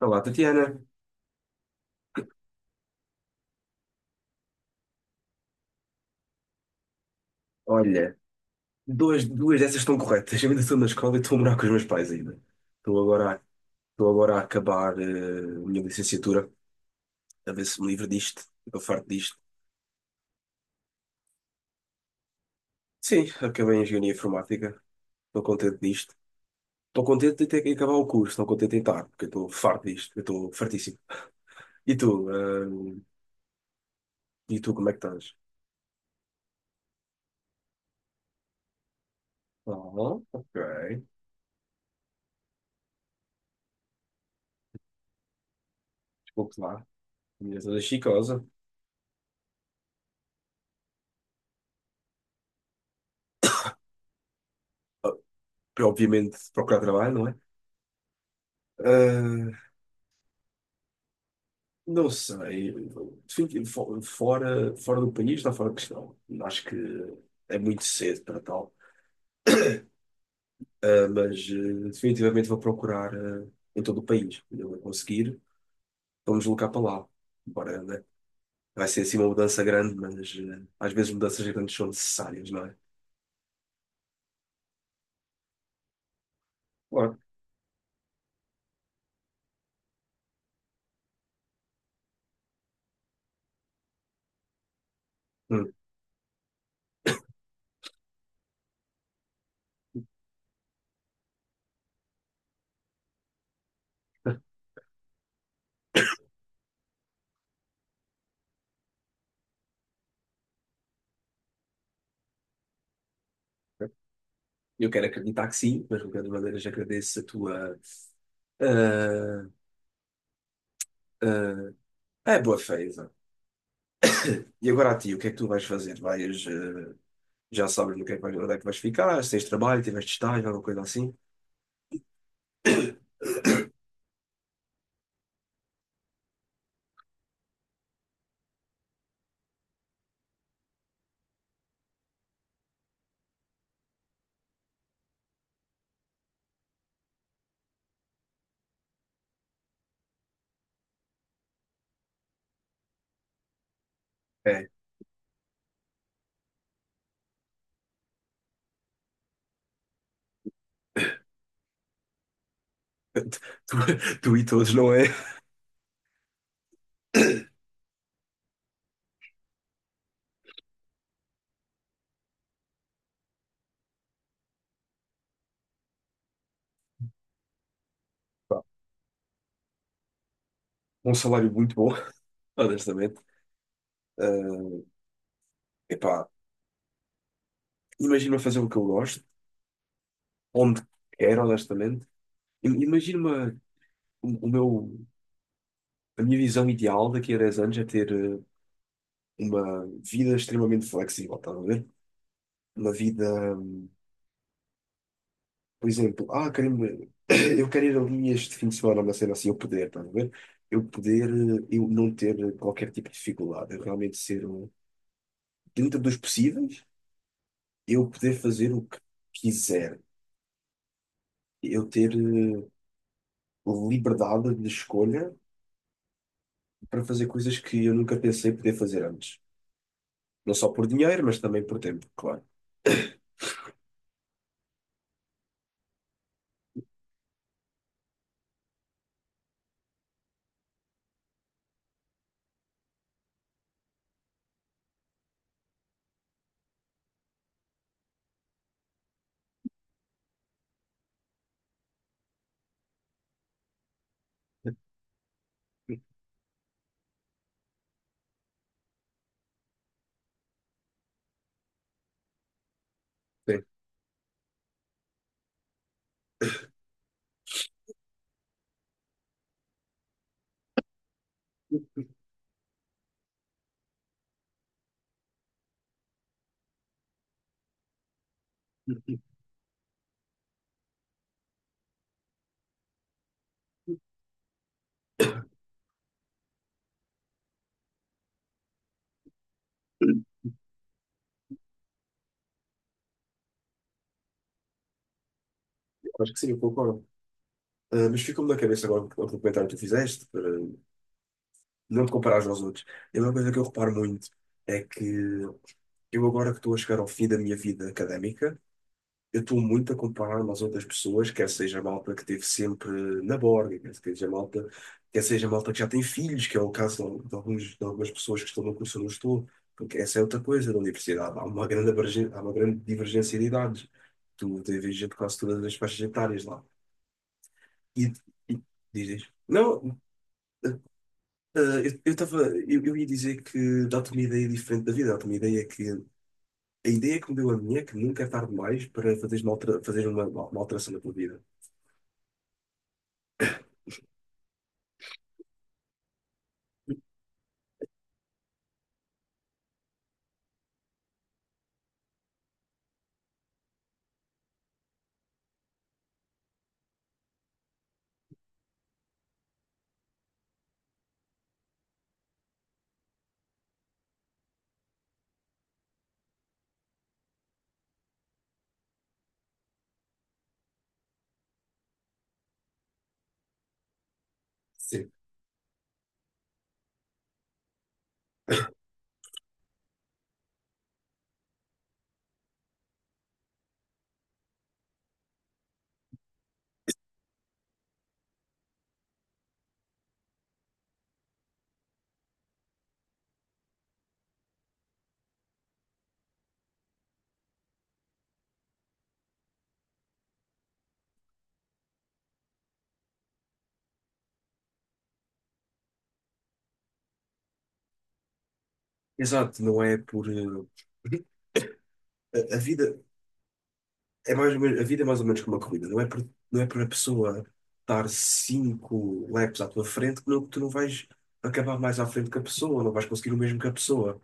Olá, Tatiana. Olha, duas dessas estão corretas. Eu ainda estou na escola e estou a morar com os meus pais ainda. Estou agora, a- Estou agora a acabar a minha licenciatura, a ver se me livro disto. Estou farto disto. Sim, acabei em Engenharia Informática. Estou contente disto. Estou contente de ter que acabar o curso, não contente em estar, porque eu estou farto disto. Eu estou fartíssimo. E tu? eh, e tu, como é que estás? Ah, ok. Desculpe lá. A minha toda chicosa. Obviamente, procurar trabalho, não é? Ehm, Não sei. Fico fora do país está fora de questão. Acho que é muito cedo para tal. Ah, mas definitivamente vou procurar em todo o país. Quando eu conseguir, vamos deslocar para lá. Embora, né, vai ser assim uma mudança grande, mas às vezes mudanças grandes são necessárias, não é? Claro. Hum. Eu quero acreditar que sim, mas de qualquer maneira já agradeço a tua ah, a boa fé. E agora a ti, o que é que tu vais fazer? Vais, eh, já sabes no que é que vais, onde é que vais ficar? Se tens trabalho, tiveste estágio, alguma coisa assim? É, tu, tu e todos, não é? Pá, um salário muito bom, honestamente. Eh, Epá, imagina fazer o que eu gosto, onde quero, honestamente. Imagina-me o, o meu, a minha visão ideal daqui a 10 anos é ter uma vida extremamente flexível, estás a ver? Uma vida. Por exemplo, eu quero ir ali este fim de semana, uma cena assim, eu poder, estás a ver? Eu poder, eu não ter qualquer tipo de dificuldade, eu realmente ser, dentro dos possíveis, eu poder fazer o que quiser, eu ter liberdade de escolha para fazer coisas que eu nunca pensei poder fazer antes. Não só por dinheiro, mas também por tempo, claro. Sim, acho que sim, eu concordo. Ah, mas ficou-me na cabeça agora o comentário que tu fizeste, para não te comparares aos outros. E uma coisa que eu reparo muito é que eu agora que estou a chegar ao fim da minha vida académica, eu estou muito a comparar-me às outras pessoas, quer seja a malta que teve sempre na borga, quer seja a malta que já tem filhos, que é o caso de algumas pessoas que estão no curso onde eu estou, porque essa é outra coisa da universidade. Há uma grande divergência de idades. Tu tens gente de quase todas as faixas etárias lá. E, e diz, diz. Não, eh, eu estava, eu ia dizer que dá-te uma ideia diferente da vida, dá-te uma ideia que. A ideia que me deu a minha é que nunca é tarde mais para fazeres uma alteração na tua vida. Sim, exato, não é por. A vida é mais ou menos, a vida é mais ou menos como uma corrida, não é por a pessoa estar 5 laps à tua frente que tu não vais acabar mais à frente que a pessoa, não vais conseguir o mesmo que a pessoa.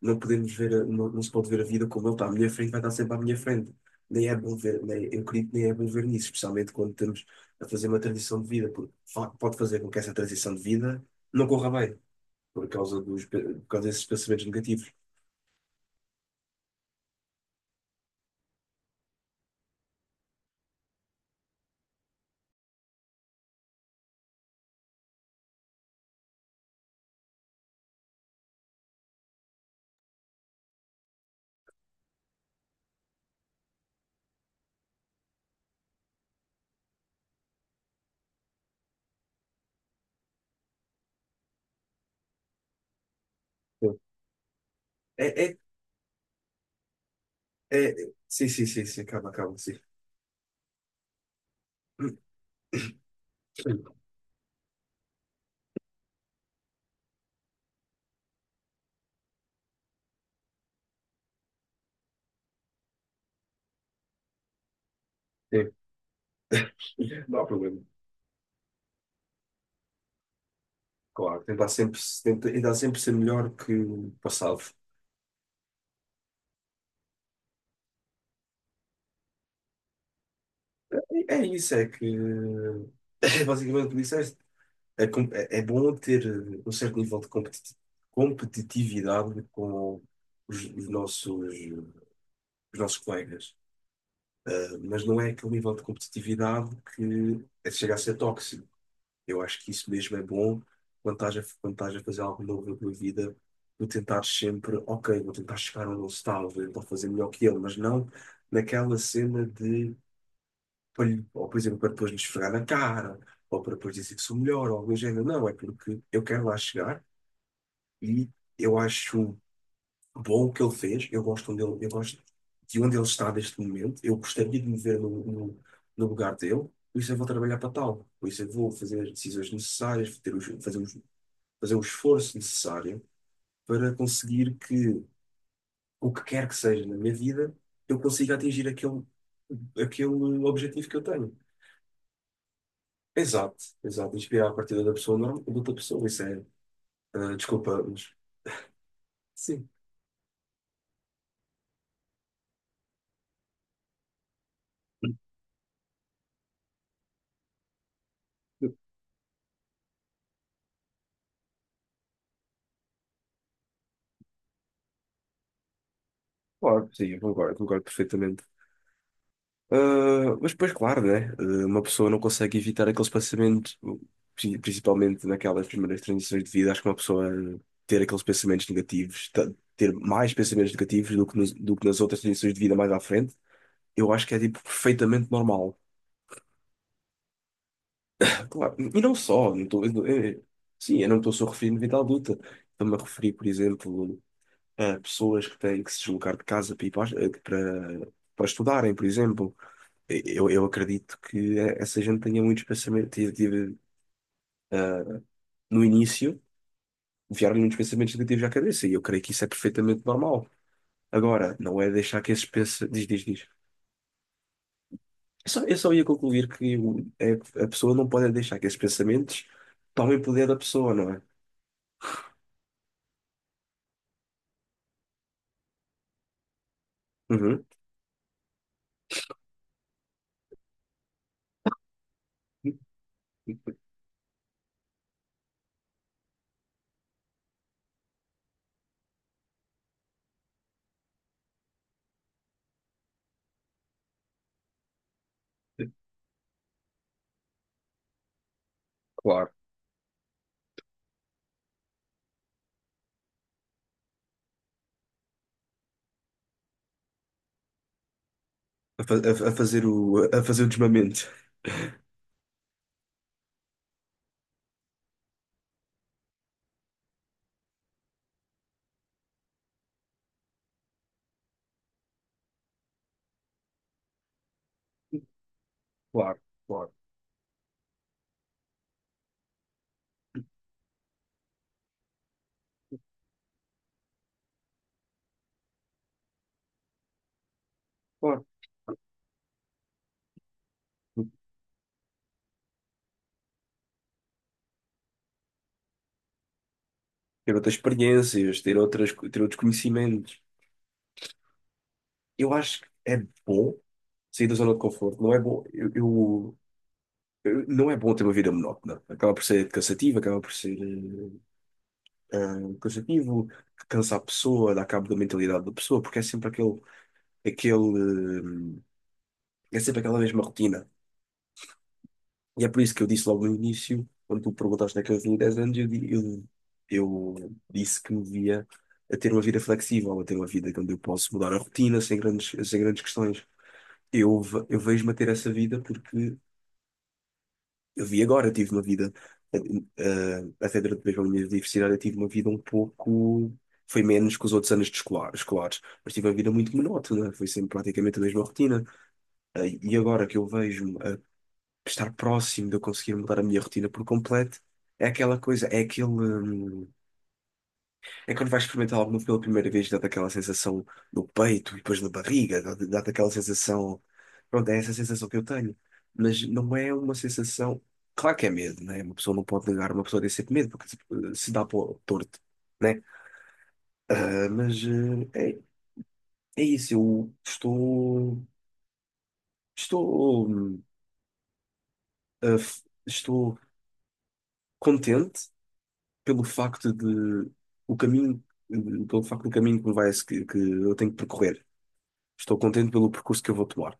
Não podemos ver, não se pode ver a vida como ele está à minha frente, vai estar sempre à minha frente. Nem é bom ver, nem, eu acredito que nem é bom ver nisso, especialmente quando estamos a fazer uma transição de vida, porque pode fazer com que essa transição de vida não corra bem, por causa dos, por causa desses pensamentos negativos. Sim. É, é, é, sim, sim, sim, sim, acaba, acaba, sim. Sim, não há problema. Claro, tentar sempre, tentar sempre ser melhor que o passado. É isso, é que é basicamente o que disseste. É, é bom ter um certo nível de competitividade com os, os nossos, os nossos colegas. Mas não é aquele nível de competitividade que chega a ser tóxico. Eu acho que isso mesmo é bom quando estás a fazer algo novo na tua vida, tu tentares sempre, ok, vou tentar chegar onde ele está, vou tentar fazer melhor que ele, mas não naquela cena de, ou por exemplo, para depois lhe esfregar na cara. Ou para depois dizer que sou melhor, ou algo do género. Não, é porque eu quero lá chegar, e eu acho bom o que ele fez. Eu gosto de onde ele está neste momento. Eu gostaria de me ver no lugar dele. Por isso eu vou trabalhar para tal. Por isso eu vou fazer as decisões necessárias, ter os, fazer o esforço necessário para conseguir que o que quer que seja na minha vida, eu consiga atingir aquele objetivo que eu tenho. Exato, exato. Inspirar a partida da pessoa normal, de outra pessoa. Isso é, desculpa, mas sim. Claro, sim, eu concordo, concordo perfeitamente. Ah, mas depois, claro, né? Uma pessoa não consegue evitar aquele espaçamento, principalmente naquelas primeiras transições de vida. Acho que uma pessoa ter aqueles pensamentos negativos, ter mais pensamentos negativos do que nas outras transições de vida mais à frente, eu acho que é tipo perfeitamente normal. Claro, e não só, não tô, eu não- eu- sim, eu não estou só referindo vida adulta. Estou-me a referir, por exemplo, a pessoas que têm que se deslocar de casa para, ir para, para estudarem, por exemplo. Eu acredito que essa gente tenha muitos pensamentos, no início, vieram-lhe muitos pensamentos negativos à cabeça, e eu creio que isso é perfeitamente normal. Agora, não é deixar que esses pensamentos. Diz, diz, diz. Eu só ia concluir que a pessoa não pode é deixar que esses pensamentos tomem poder da pessoa, não é? Uhum. Claro, a fazer o desmamento. Claro, claro. Claro. Ter outras experiências, ter outros conhecimentos. Eu acho que é bom sair da zona de conforto. Não é bom. Não é bom ter uma vida monótona. Acaba por ser cansativo, acaba por ser cansativo, cansa a pessoa, dá cabo da mentalidade da pessoa, porque é sempre aquele, é sempre aquela mesma rotina. E é por isso que eu disse logo no início, quando tu perguntaste naqueles eu 10 anos, eu disse que me via a ter uma vida flexível, a ter uma vida onde eu posso mudar a rotina sem grandes questões. Eu vejo-me a ter essa vida porque eu vi agora, eu tive uma vida, eh, até durante mesmo a minha universidade, eu tive uma vida um pouco. Foi menos que os outros anos de escolares, mas tive uma vida muito monótona, foi sempre praticamente a mesma rotina. E agora que eu vejo-me a estar próximo de eu conseguir mudar a minha rotina por completo, é aquela coisa, é aquele. É quando vais experimentar algo novo pela primeira vez, dá-te aquela sensação no peito e depois na barriga, dá-te aquela sensação. Pronto, é essa sensação que eu tenho. Mas não é uma sensação. Claro que é medo, né? Uma pessoa não pode negar, uma pessoa tem sempre medo, porque se se dá para o torto, né? Ah, mas ah, é, é isso, eu estou. Estou. Estou contente pelo facto de. O caminho. Pelo facto do caminho que eu tenho que percorrer. Estou contente pelo percurso que eu vou tomar.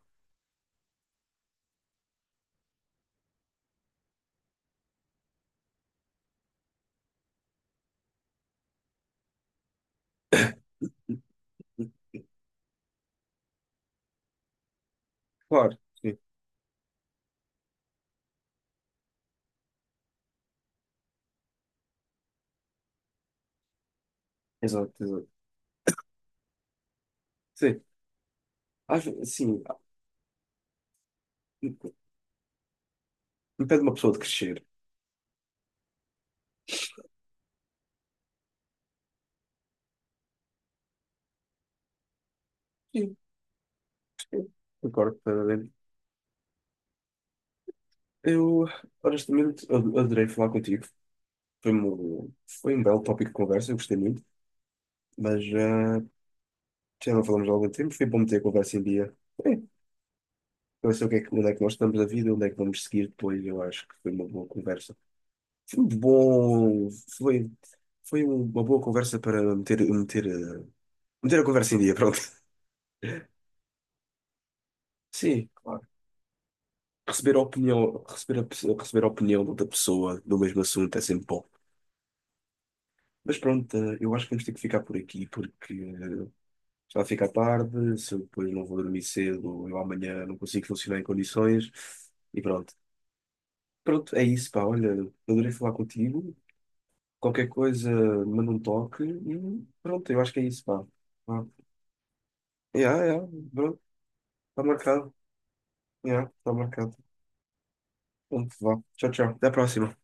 Claro, sim. Exato, exato. Sim, acho, sim, impede uma pessoa de crescer. Sim, sim. Concordo, plenamente. Eu, honestamente, adorei falar contigo. Foi um, foi um belo tópico de conversa, eu gostei muito. Mas já não falamos há algum tempo, foi bom meter a conversa em dia. É, para saber o que é que, onde é que nós estamos na vida, onde é que vamos seguir depois. Eu acho que foi uma boa conversa. Foi um bom. Foi, uma boa conversa para meter a conversa em dia, pronto. Sim, claro. Receber a opinião, receber a opinião de outra pessoa do mesmo assunto é sempre bom. Mas pronto, eu acho que vamos ter que ficar por aqui porque já fica tarde, se eu depois não vou dormir cedo, eu amanhã não consigo funcionar em condições e pronto. Pronto, é isso, pá, olha, adorei falar contigo. Qualquer coisa, manda um toque e pronto, eu acho que é isso, pá. Vá. Yeah, yeah, pronto, está marcado. Yeah, está marcado. Pronto, vá. Tchau, tchau. Até a próxima.